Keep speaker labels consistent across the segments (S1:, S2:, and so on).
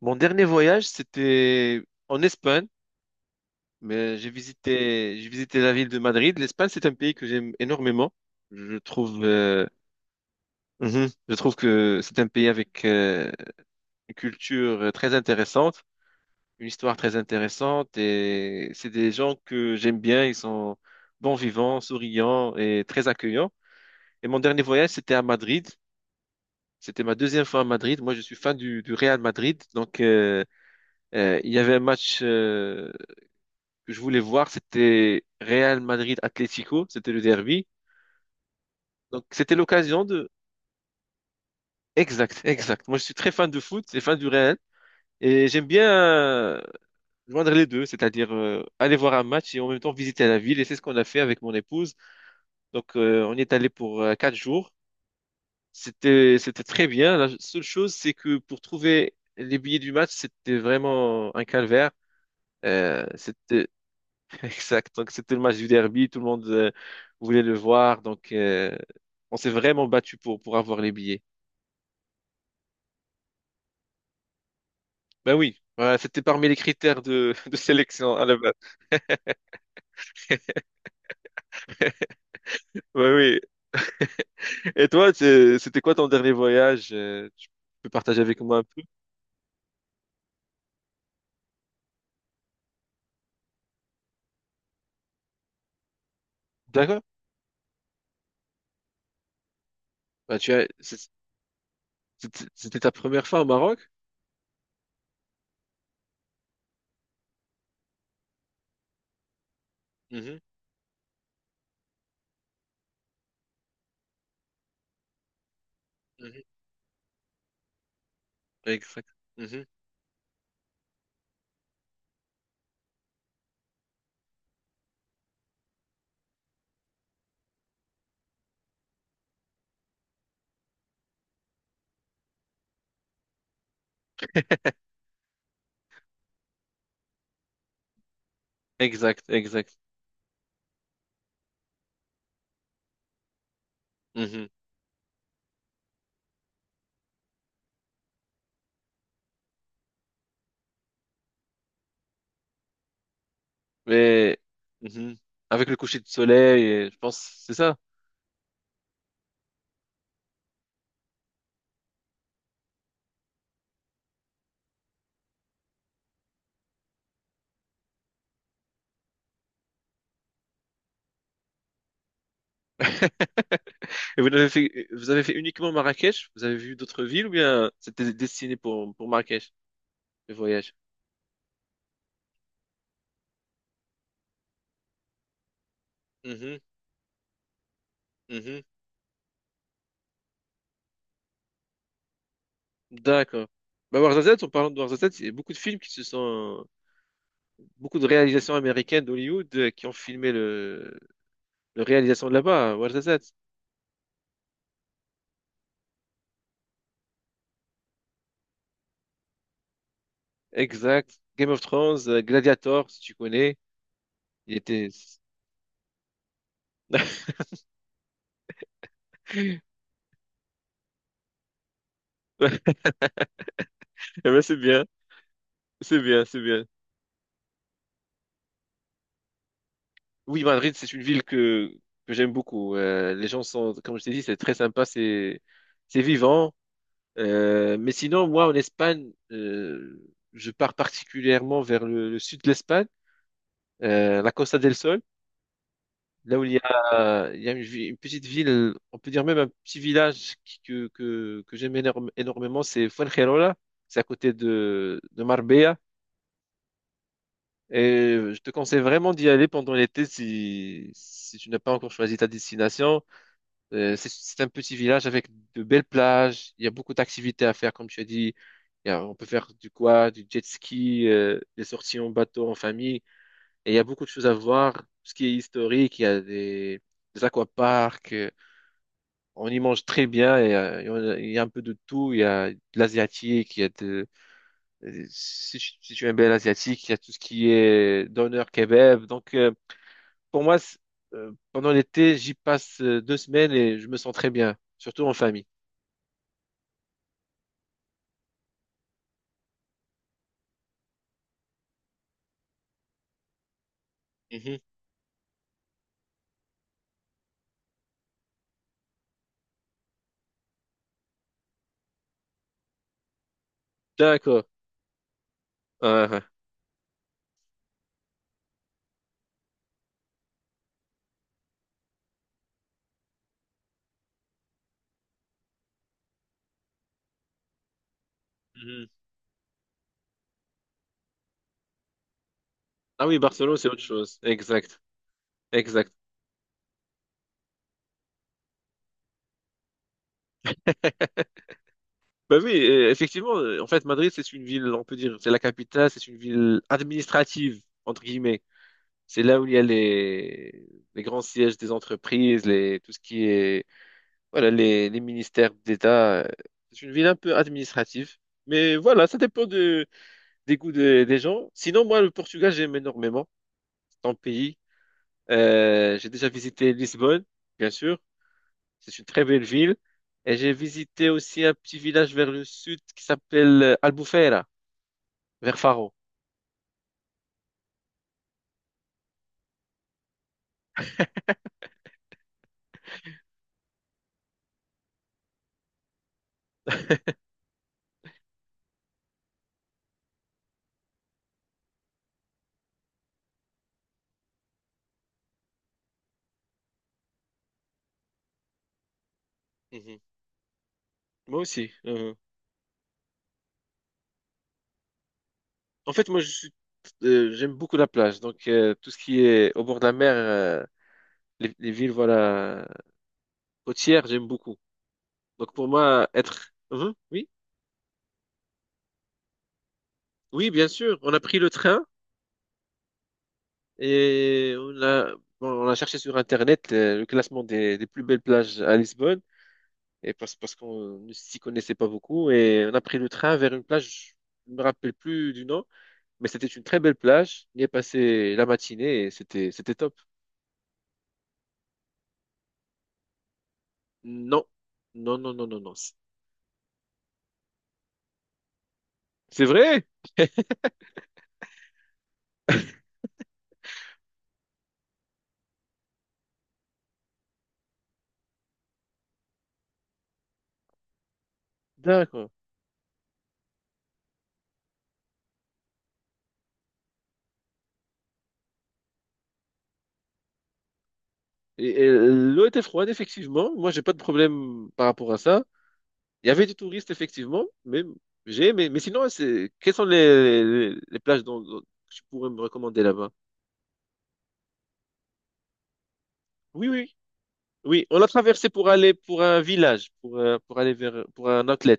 S1: Mon dernier voyage, c'était en Espagne, mais j'ai visité la ville de Madrid. L'Espagne, c'est un pays que j'aime énormément. Je trouve, mhm, je trouve que c'est un pays avec une culture très intéressante, une histoire très intéressante, et c'est des gens que j'aime bien. Ils sont bons vivants, souriants et très accueillants. Et mon dernier voyage, c'était à Madrid. C'était ma deuxième fois à Madrid. Moi, je suis fan du Real Madrid, donc il y avait un match. Que je voulais voir, c'était Real Madrid-Atlético, c'était le derby. Donc c'était l'occasion de... Exact, exact. Moi je suis très fan de foot et fan du Real. Et j'aime bien joindre les deux, c'est-à-dire aller voir un match et en même temps visiter la ville. Et c'est ce qu'on a fait avec mon épouse. Donc on y est allé pour quatre jours. C'était très bien. La seule chose, c'est que pour trouver les billets du match, c'était vraiment un calvaire. C'était exact. Donc, c'était le match du derby. Tout le monde voulait le voir. Donc, on s'est vraiment battu pour avoir les billets. Ben oui. Voilà, c'était parmi les critères de, de sélection à la base. Ben oui. Et toi, c'était quoi ton dernier voyage? Tu peux partager avec moi un peu? D'accord. Ben, c'était ta première fois au Maroc? Mhm, mhm. Exact. Mhm. Exact, exact. Mhm. Mais mhm. Avec le coucher de soleil, je pense, c'est ça. Vous avez fait uniquement Marrakech? Vous avez vu d'autres villes ou bien c'était destiné pour Marrakech, le voyage? Mhm, mhm. D'accord. Bah, Warzazat, en parlant de Warzazat, il y a beaucoup de films beaucoup de réalisations américaines d'Hollywood qui ont filmé le réalisation de là-bas, à Ouarzazate. Exact. Game of Thrones, Gladiator, si tu connais, il était, Ouais, eh ben, c'est bien, c'est bien, c'est bien. Oui, Madrid, c'est une ville que j'aime beaucoup. Les gens sont, comme je t'ai dit, c'est très sympa, c'est vivant. Mais sinon, moi, en Espagne, je pars particulièrement vers le sud de l'Espagne, la Costa del Sol, là où il y a une petite ville, on peut dire même un petit village que j'énormément, c'est Fuengirola, c'est à côté de Marbella. Et je te conseille vraiment d'y aller pendant l'été si tu n'as pas encore choisi ta destination. C'est un petit village avec de belles plages. Il y a beaucoup d'activités à faire, comme tu as dit. On peut faire du quad, du jet ski, des sorties en bateau, en famille. Et il y a beaucoup de choses à voir. Tout ce qui est historique, il y a des aquaparks. On y mange très bien. Il y a un peu de tout. Il y a de l'asiatique. Il y a de, si, Si tu aimes bien l'asiatique, il y a tout ce qui est doner kebab. Pour moi, c'est- Pendant l'été, j'y passe deux semaines et je me sens très bien, surtout en famille. Mhm. D'accord. Ouais, ouais. Mhm. Ah oui, Barcelone, c'est autre chose. Exact. Exact. Ben oui, effectivement, en fait, Madrid, c'est une ville, on peut dire, c'est la capitale, c'est une ville administrative, entre guillemets. C'est là où il y a les grands sièges des entreprises, tout ce qui est, voilà, les ministères d'État. C'est une ville un peu administrative. Mais voilà, des des gens. Sinon, moi, le Portugal, j'aime énormément. C'est un pays. J'ai déjà visité Lisbonne, bien sûr. C'est une très belle ville. Et j'ai visité aussi un petit village vers le sud qui s'appelle Albufeira, vers Faro. Mhm. Moi aussi. En fait, moi, je suis, J'aime beaucoup la plage. Donc, tout ce qui est au bord de la mer, les villes, voilà, côtières, j'aime beaucoup. Donc, pour moi, être... Mhm, oui. Oui, bien sûr. On a pris le train et bon, on a cherché sur Internet le classement des plus belles plages à Lisbonne. Et parce qu'on ne s'y connaissait pas beaucoup. Et on a pris le train vers une plage, je ne me rappelle plus du nom, mais c'était une très belle plage. On y est passé la matinée et c'était top. Non, non, non, non, non, non. C'est vrai? D'accord. Et l'eau était froide, effectivement. Moi, j'ai pas de problème par rapport à ça. Il y avait des touristes, effectivement, mais j'ai aimé. Mais sinon, c'est... quelles sont les plages dont tu pourrais me recommander là-bas? Oui, oui, oui. On a traversé pour aller pour un village, pour aller vers pour un outlet.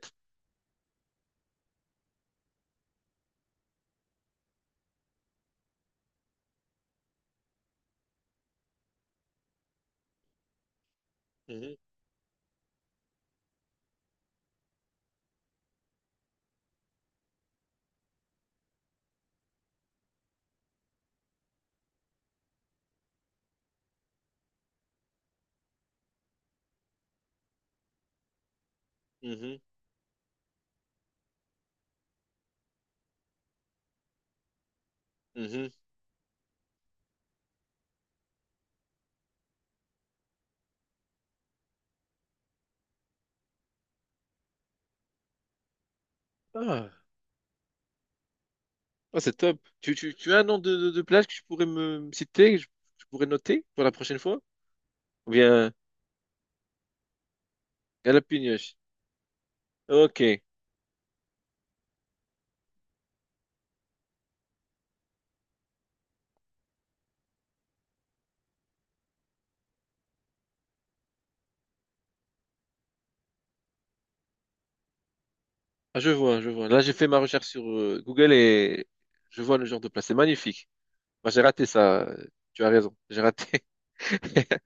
S1: Mhm, mhm, mhm. Ah, ah, c'est top. Tu as un nom de plage que tu pourrais me citer, je pourrais noter pour la prochaine fois? Ou bien Galapagos. Ok. Ah, je vois, je vois. Là, j'ai fait ma recherche sur Google et je vois le genre de place. C'est magnifique. Bah, j'ai raté ça. Tu as raison, j'ai raté.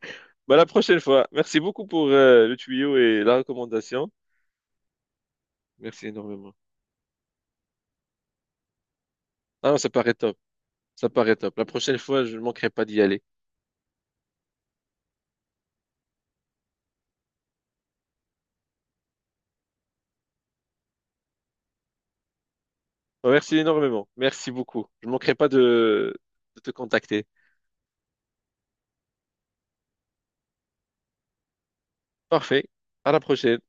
S1: Bah, la prochaine fois. Merci beaucoup pour le tuyau et la recommandation. Merci énormément. Ah non, ça paraît top. Ça paraît top. La prochaine fois, je ne manquerai pas d'y aller. Bah, merci énormément. Merci beaucoup. Je ne manquerai pas de te contacter. Parfait. À la prochaine.